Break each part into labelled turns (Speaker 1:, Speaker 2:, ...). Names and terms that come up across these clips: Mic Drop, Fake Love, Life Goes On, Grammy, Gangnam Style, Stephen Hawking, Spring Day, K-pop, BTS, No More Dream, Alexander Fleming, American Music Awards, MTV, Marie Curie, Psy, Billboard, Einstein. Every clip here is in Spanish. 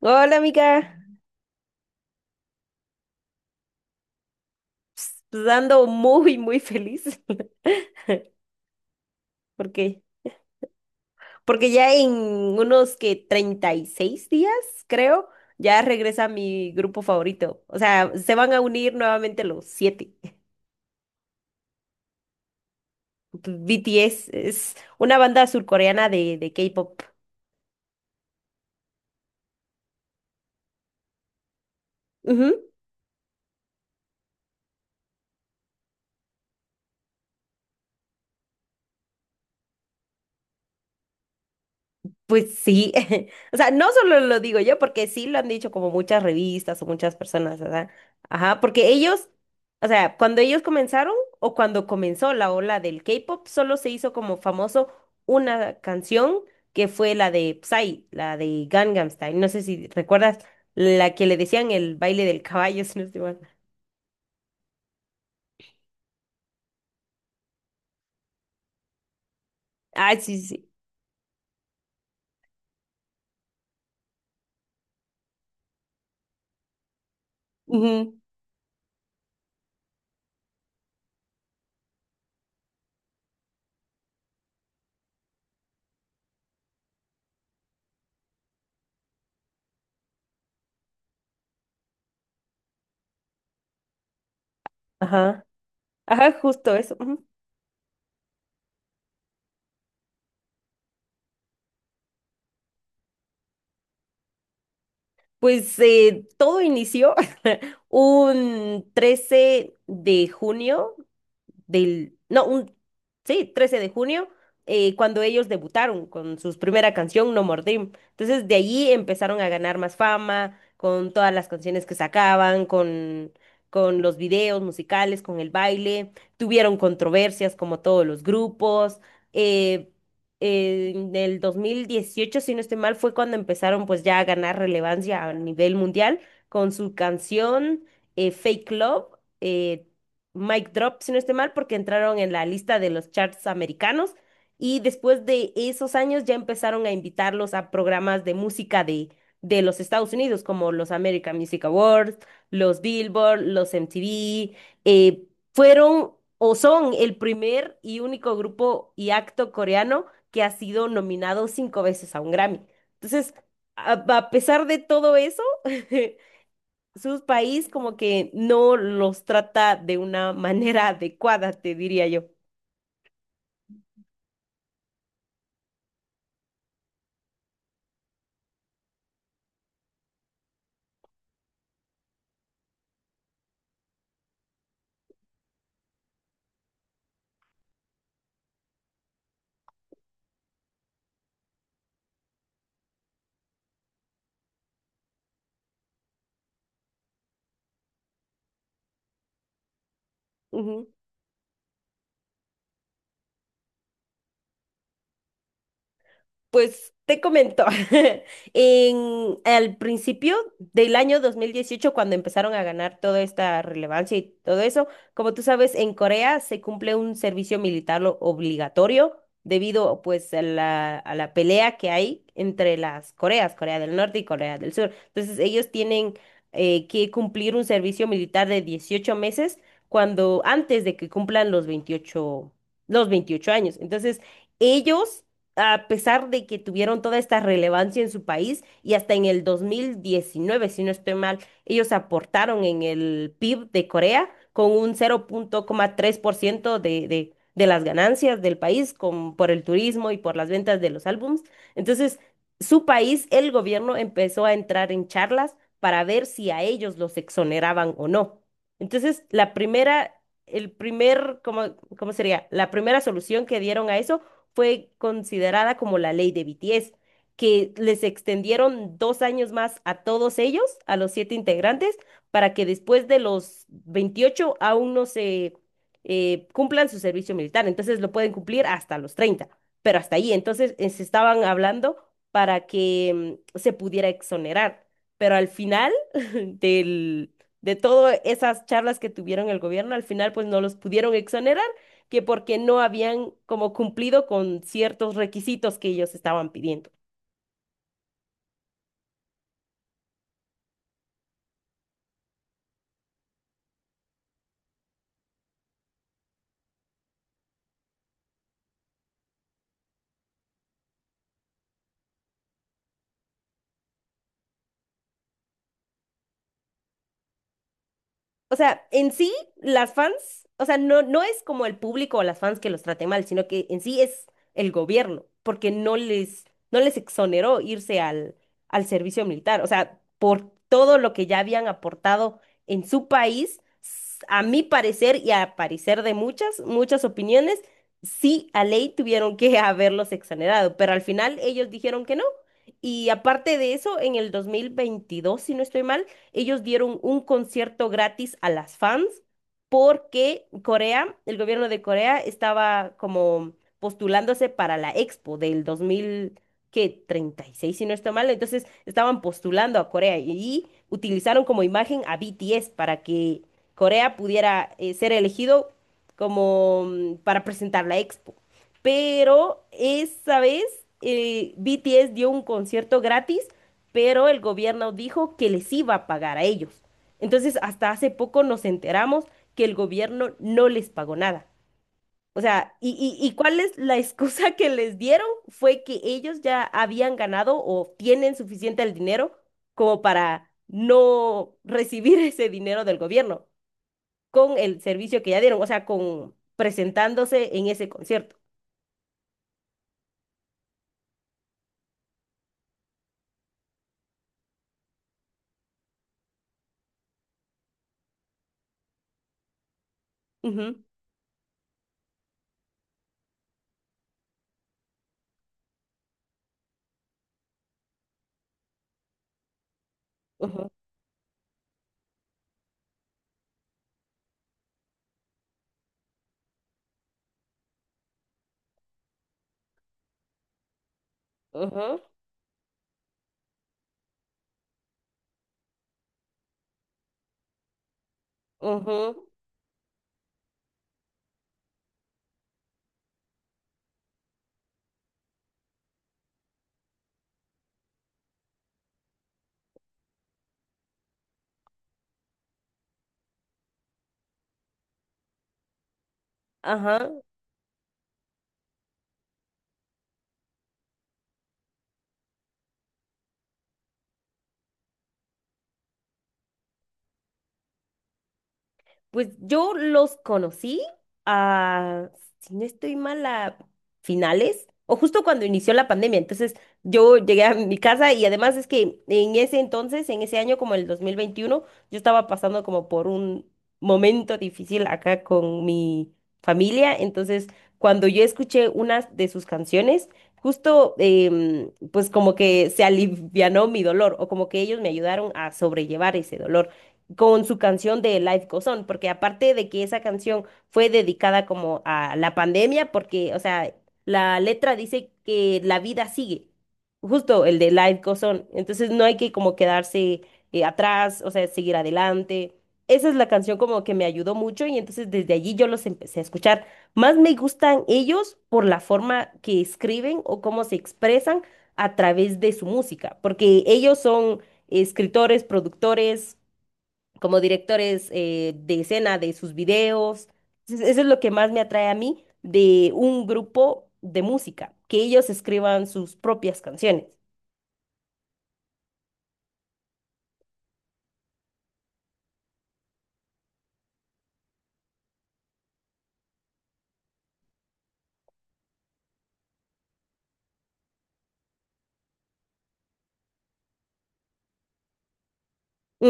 Speaker 1: Hola, amiga. Pues ando muy, muy feliz. porque Porque ya en unos que 36 días, creo, ya regresa mi grupo favorito. O sea, se van a unir nuevamente los siete. BTS es una banda surcoreana de K-pop. Pues sí, o sea, no solo lo digo yo, porque sí lo han dicho como muchas revistas o muchas personas, ¿verdad? Ajá, porque ellos, o sea, cuando ellos comenzaron o cuando comenzó la ola del K-pop, solo se hizo como famoso una canción que fue la de Psy, la de Gangnam Style. No sé si recuerdas la que le decían el baile del caballo, si no estoy mal. Ah, sí, sí. Sí. Ujú. Ajá, ajá, justo eso. Pues todo inició un 13 de junio del, no, un, sí, 13 de junio, cuando ellos debutaron con su primera canción, No More Dream. Entonces, de allí empezaron a ganar más fama, con todas las canciones que sacaban, con los videos musicales, con el baile. Tuvieron controversias como todos los grupos. eh, en el 2018 si no estoy mal, fue cuando empezaron pues ya a ganar relevancia a nivel mundial con su canción Fake Love, eh, Mike Drop, si no estoy mal, porque entraron en la lista de los charts americanos y después de esos años ya empezaron a invitarlos a programas de música de los Estados Unidos, como los American Music Awards, los Billboard, los MTV. eh, Fueron o son el primer y único grupo y acto coreano que ha sido nominado cinco veces a un Grammy. Entonces, a pesar de todo eso, su país como que no los trata de una manera adecuada, te diría yo. Ujú. Pues te comento, al principio del año 2018 cuando empezaron a ganar toda esta relevancia y todo eso, como tú sabes, en Corea se cumple un servicio militar obligatorio debido pues a a la pelea que hay entre las Coreas, Corea del Norte y Corea del Sur. Entonces ellos tienen que cumplir un servicio militar de 18 meses cuando antes de que cumplan los 28 años. Entonces ellos a pesar de que tuvieron toda esta relevancia en su país y hasta en el 2019, si no estoy mal, ellos aportaron en el PIB de Corea con un 0.3% de las ganancias del país por el turismo y por las ventas de los álbums. Entonces, su país, el gobierno empezó a entrar en charlas para ver si a ellos los exoneraban o no. Entonces, la primera, el primer, ¿cómo sería? La primera solución que dieron a eso fue considerada como la ley de BTS, que les extendieron 2 años más a todos ellos, a los 7 integrantes, para que después de los 28 aún no se cumplan su servicio militar. Entonces lo pueden cumplir hasta los 30 pero hasta ahí. Entonces se estaban hablando para que se pudiera exonerar. Pero al final del, de todas esas charlas que tuvieron el gobierno, al final pues no los pudieron exonerar que porque no habían como cumplido con ciertos requisitos que ellos estaban pidiendo. O sea, en sí, las fans, o sea, no, no es como el público o las fans que los traten mal, sino que en sí es el gobierno, porque no les exoneró irse al servicio militar. O sea, por todo lo que ya habían aportado en su país, a mi parecer y a parecer de muchas, muchas opiniones, sí, a ley tuvieron que haberlos exonerado, pero al final ellos dijeron que no. Y aparte de eso, en el 2022, si no estoy mal, ellos dieron un concierto gratis a las fans porque Corea, el gobierno de Corea estaba como postulándose para la Expo del 2000, que 36 si no estoy mal, entonces estaban postulando a Corea y utilizaron como imagen a BTS para que Corea pudiera ser elegido como para presentar la Expo. Pero esa vez BTS dio un concierto gratis pero el gobierno dijo que les iba a pagar a ellos. Entonces, hasta hace poco nos enteramos que el gobierno no les pagó nada. O sea, ¿y cuál es la excusa que les dieron? Fue que ellos ya habían ganado o tienen suficiente el dinero como para no recibir ese dinero del gobierno con el servicio que ya dieron, o sea, con presentándose en ese concierto. Ujú, ujú, ujú, ujú, ajá. Pues yo los conocí a, si no estoy mal, a finales o justo cuando inició la pandemia. Entonces yo llegué a mi casa y además es que en ese entonces, en ese año como el 2021 yo estaba pasando como por un momento difícil acá con mi familia. Entonces cuando yo escuché unas de sus canciones, justo pues como que se alivianó mi dolor o como que ellos me ayudaron a sobrellevar ese dolor con su canción de Life Goes On, porque aparte de que esa canción fue dedicada como a la pandemia, porque, o sea, la letra dice que la vida sigue, justo el de Life Goes On, entonces no hay que como quedarse atrás, o sea, seguir adelante. Esa es la canción como que me ayudó mucho y entonces desde allí yo los empecé a escuchar. Más me gustan ellos por la forma que escriben o cómo se expresan a través de su música, porque ellos son escritores, productores, como directores de escena de sus videos. Entonces, eso es lo que más me atrae a mí de un grupo de música, que ellos escriban sus propias canciones.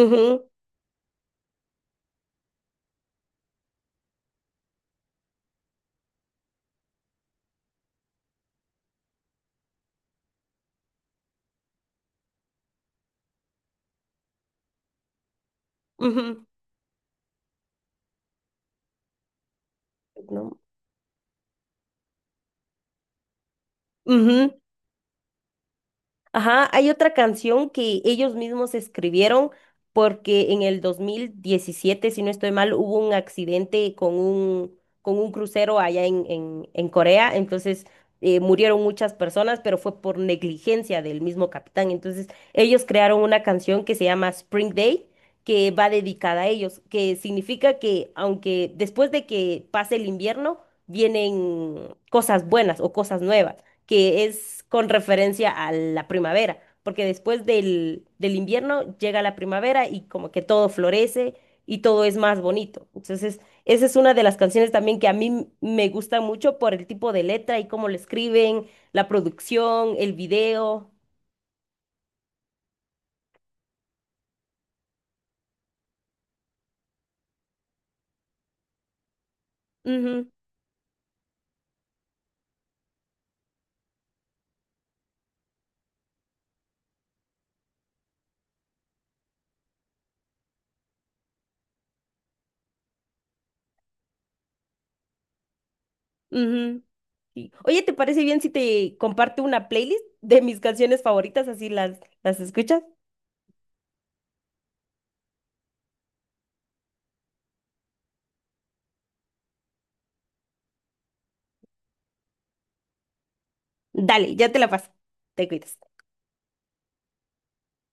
Speaker 1: Ujú, ujú, ¿no? Ujú. Ajá, hay otra canción que ellos mismos escribieron porque en el 2017, si no estoy mal, hubo un accidente con un crucero allá en Corea, entonces murieron muchas personas, pero fue por negligencia del mismo capitán. Entonces ellos crearon una canción que se llama Spring Day, que va dedicada a ellos, que significa que aunque después de que pase el invierno, vienen cosas buenas o cosas nuevas que es con referencia a la primavera, porque después del invierno llega la primavera y como que todo florece y todo es más bonito. Entonces, esa es una de las canciones también que a mí me gusta mucho por el tipo de letra y cómo lo escriben, la producción, el video. Ujú, ujú, sí. Oye, ¿te parece bien si te comparto una playlist de mis canciones favoritas? Así las escuchas. Dale, ya te la paso. Te cuidas.